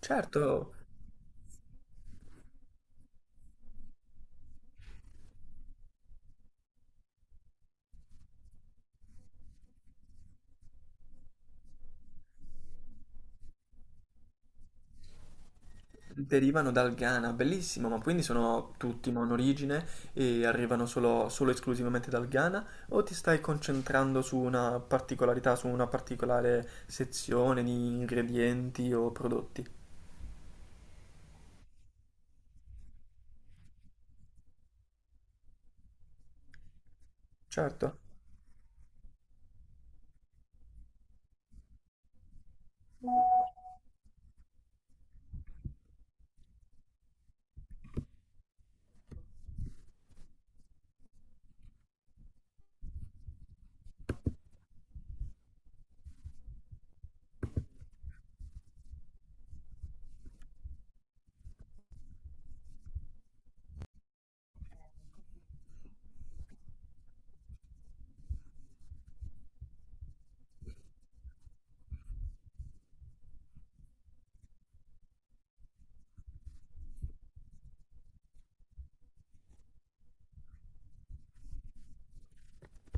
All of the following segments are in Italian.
Certo, derivano dal Ghana, bellissimo, ma quindi sono tutti monorigine e arrivano solo esclusivamente dal Ghana? O ti stai concentrando su una particolarità, su una particolare sezione di ingredienti o prodotti? Certo.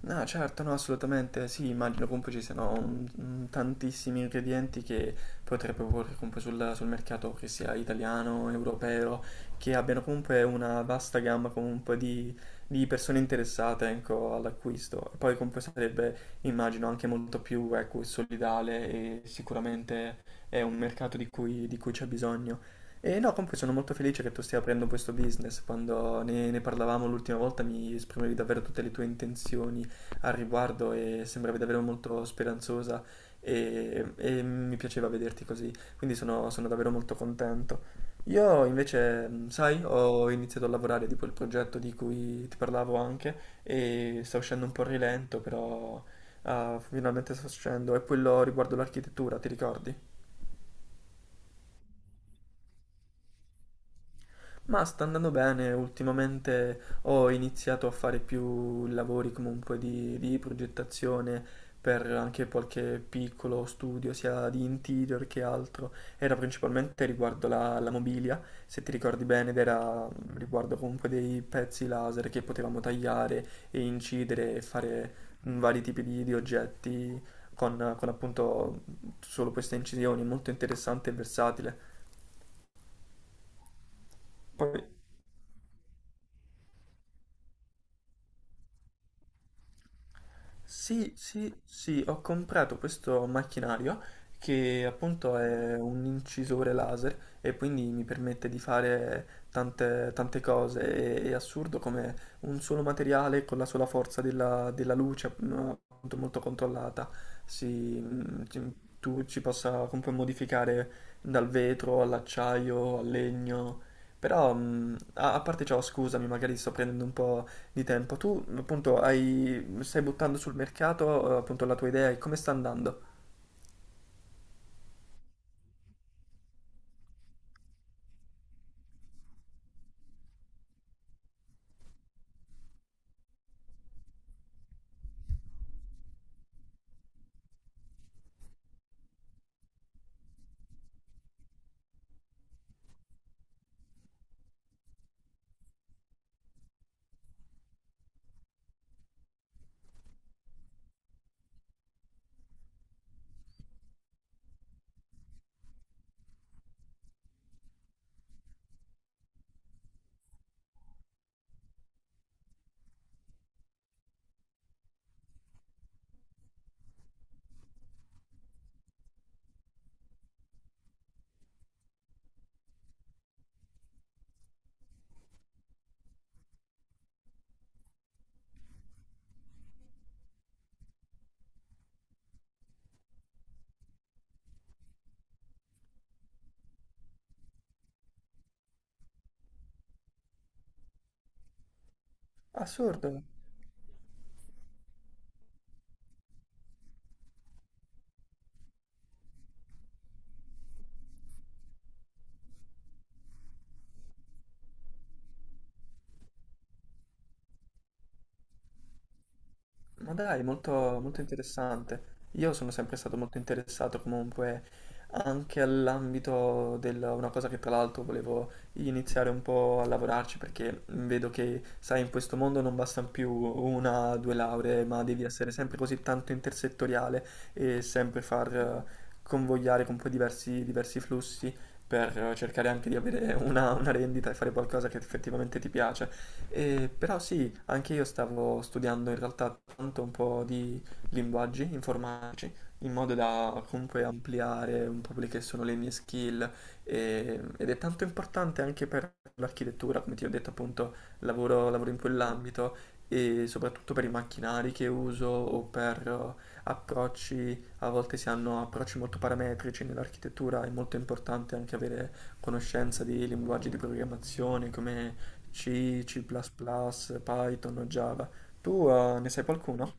No, certo, no, assolutamente, sì, immagino comunque ci siano un tantissimi ingredienti che potrei proporre comunque sul mercato, che sia italiano, europeo, che abbiano comunque una vasta gamma comunque di persone interessate, ecco, all'acquisto. E poi comunque sarebbe, immagino, anche molto più, ecco, solidale e sicuramente è un mercato di cui c'è bisogno. E no, comunque sono molto felice che tu stia aprendo questo business. Quando ne parlavamo l'ultima volta mi esprimevi davvero tutte le tue intenzioni al riguardo e sembravi davvero molto speranzosa e mi piaceva vederti così, quindi sono davvero molto contento. Io invece, sai, ho iniziato a lavorare tipo il progetto di cui ti parlavo anche e sta uscendo un po' a rilento, però ah, finalmente sta uscendo, è quello riguardo l'architettura, ti ricordi? Ma sta andando bene, ultimamente ho iniziato a fare più lavori comunque di progettazione per anche qualche piccolo studio, sia di interior che altro. Era principalmente riguardo la mobilia, se ti ricordi bene, ed era riguardo comunque dei pezzi laser che potevamo tagliare e incidere e fare vari tipi di oggetti con appunto solo queste incisioni, molto interessante e versatile. Poi sì, sì, sì, ho comprato questo macchinario che appunto è un incisore laser e quindi mi permette di fare tante, tante cose. È assurdo come un solo materiale con la sola forza della luce, appunto molto controllata, si, mm, ci- tu ci possa comunque modificare dal vetro all'acciaio, al legno. Però, a parte ciò, scusami, magari sto prendendo un po' di tempo. Tu appunto stai buttando sul mercato appunto la tua idea e come sta andando? Assurdo. Ma dai, molto, molto interessante. Io sono sempre stato molto interessato comunque anche all'ambito Una cosa che tra l'altro volevo iniziare un po' a lavorarci perché vedo che, sai, in questo mondo non bastano più una o due lauree, ma devi essere sempre così tanto intersettoriale e sempre far convogliare con poi diversi flussi per cercare anche di avere una rendita e fare qualcosa che effettivamente ti piace. Però sì, anche io stavo studiando in realtà tanto un po' di linguaggi informatici, in modo da comunque ampliare un po' quelle che sono le mie skill ed è tanto importante anche per l'architettura, come ti ho detto appunto, lavoro in quell'ambito e soprattutto per i macchinari che uso o per approcci, a volte si hanno approcci molto parametrici nell'architettura, è molto importante anche avere conoscenza di linguaggi di programmazione come C, C++, Python, o Java. Tu ne sai qualcuno?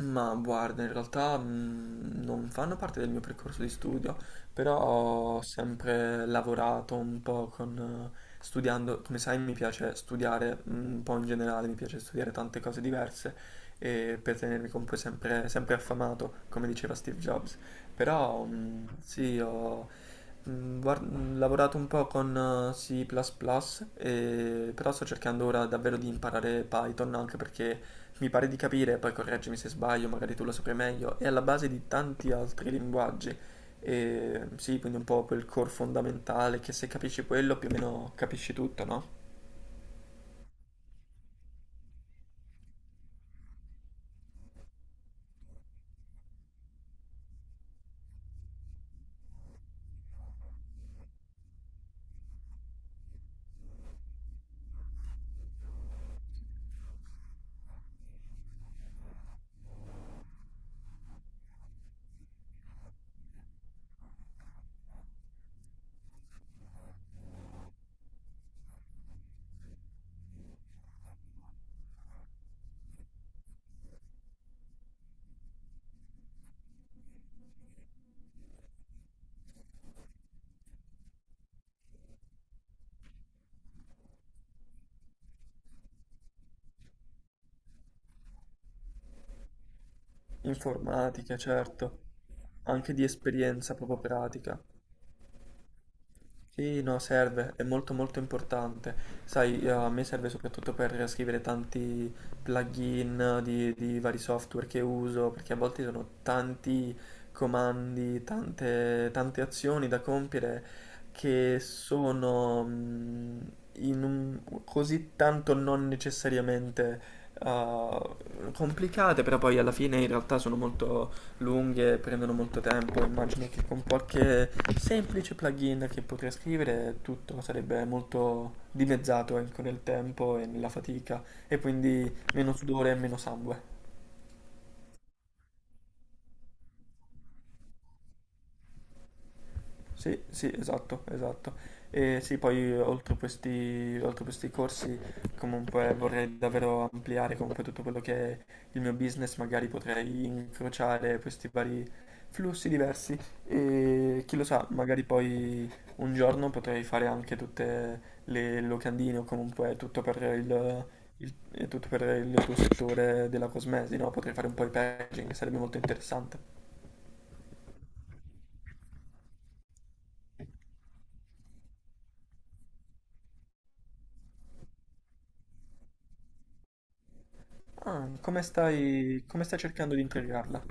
Ma guarda, in realtà non fanno parte del mio percorso di studio, però ho sempre lavorato un po' studiando, come sai mi piace studiare un po' in generale, mi piace studiare tante cose diverse e per tenermi comunque sempre, sempre affamato, come diceva Steve Jobs. Però sì, ho lavorato un po' con C++, però sto cercando ora davvero di imparare Python anche perché mi pare di capire, poi correggimi se sbaglio, magari tu lo saprai meglio, è alla base di tanti altri linguaggi. E, sì, quindi un po' quel core fondamentale che se capisci quello più o meno capisci tutto, no? Informatica, certo, anche di esperienza proprio pratica. Sì, no, serve, è molto molto importante. Sai, a me serve soprattutto per scrivere tanti plugin di vari software che uso, perché a volte sono tanti comandi, tante, tante azioni da compiere che sono in un- così tanto non necessariamente complicate, però poi alla fine in realtà sono molto lunghe prendono molto tempo, immagino che con qualche semplice plugin che potrei scrivere tutto sarebbe molto dimezzato ecco, nel tempo e nella fatica e quindi meno sudore e meno sangue. Sì, sì, esatto, esatto. E sì, poi oltre questi corsi comunque vorrei davvero ampliare comunque tutto quello che è il mio business, magari potrei incrociare questi vari flussi diversi e chi lo sa, magari poi un giorno potrei fare anche tutte le locandine o comunque tutto per il tuo settore della cosmesi, no? Potrei fare un po' di packaging, sarebbe molto interessante. Ah, come stai cercando di integrarla?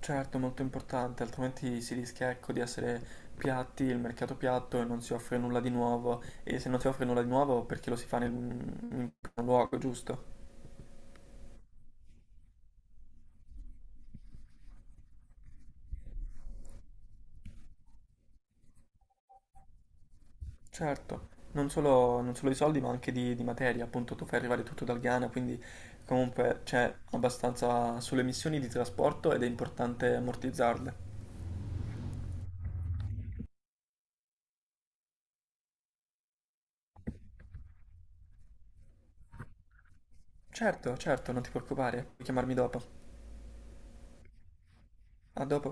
Certo, molto importante, altrimenti si rischia, ecco, di essere piatti, il mercato piatto e non si offre nulla di nuovo. E se non si offre nulla di nuovo, perché lo si fa in primo luogo, giusto? Certo, non solo di soldi, ma anche di materia. Appunto, tu fai arrivare tutto dal Ghana, quindi comunque c'è abbastanza sulle emissioni di trasporto ed è importante ammortizzarle. Certo, certo, non ti preoccupare, puoi chiamarmi dopo. A dopo.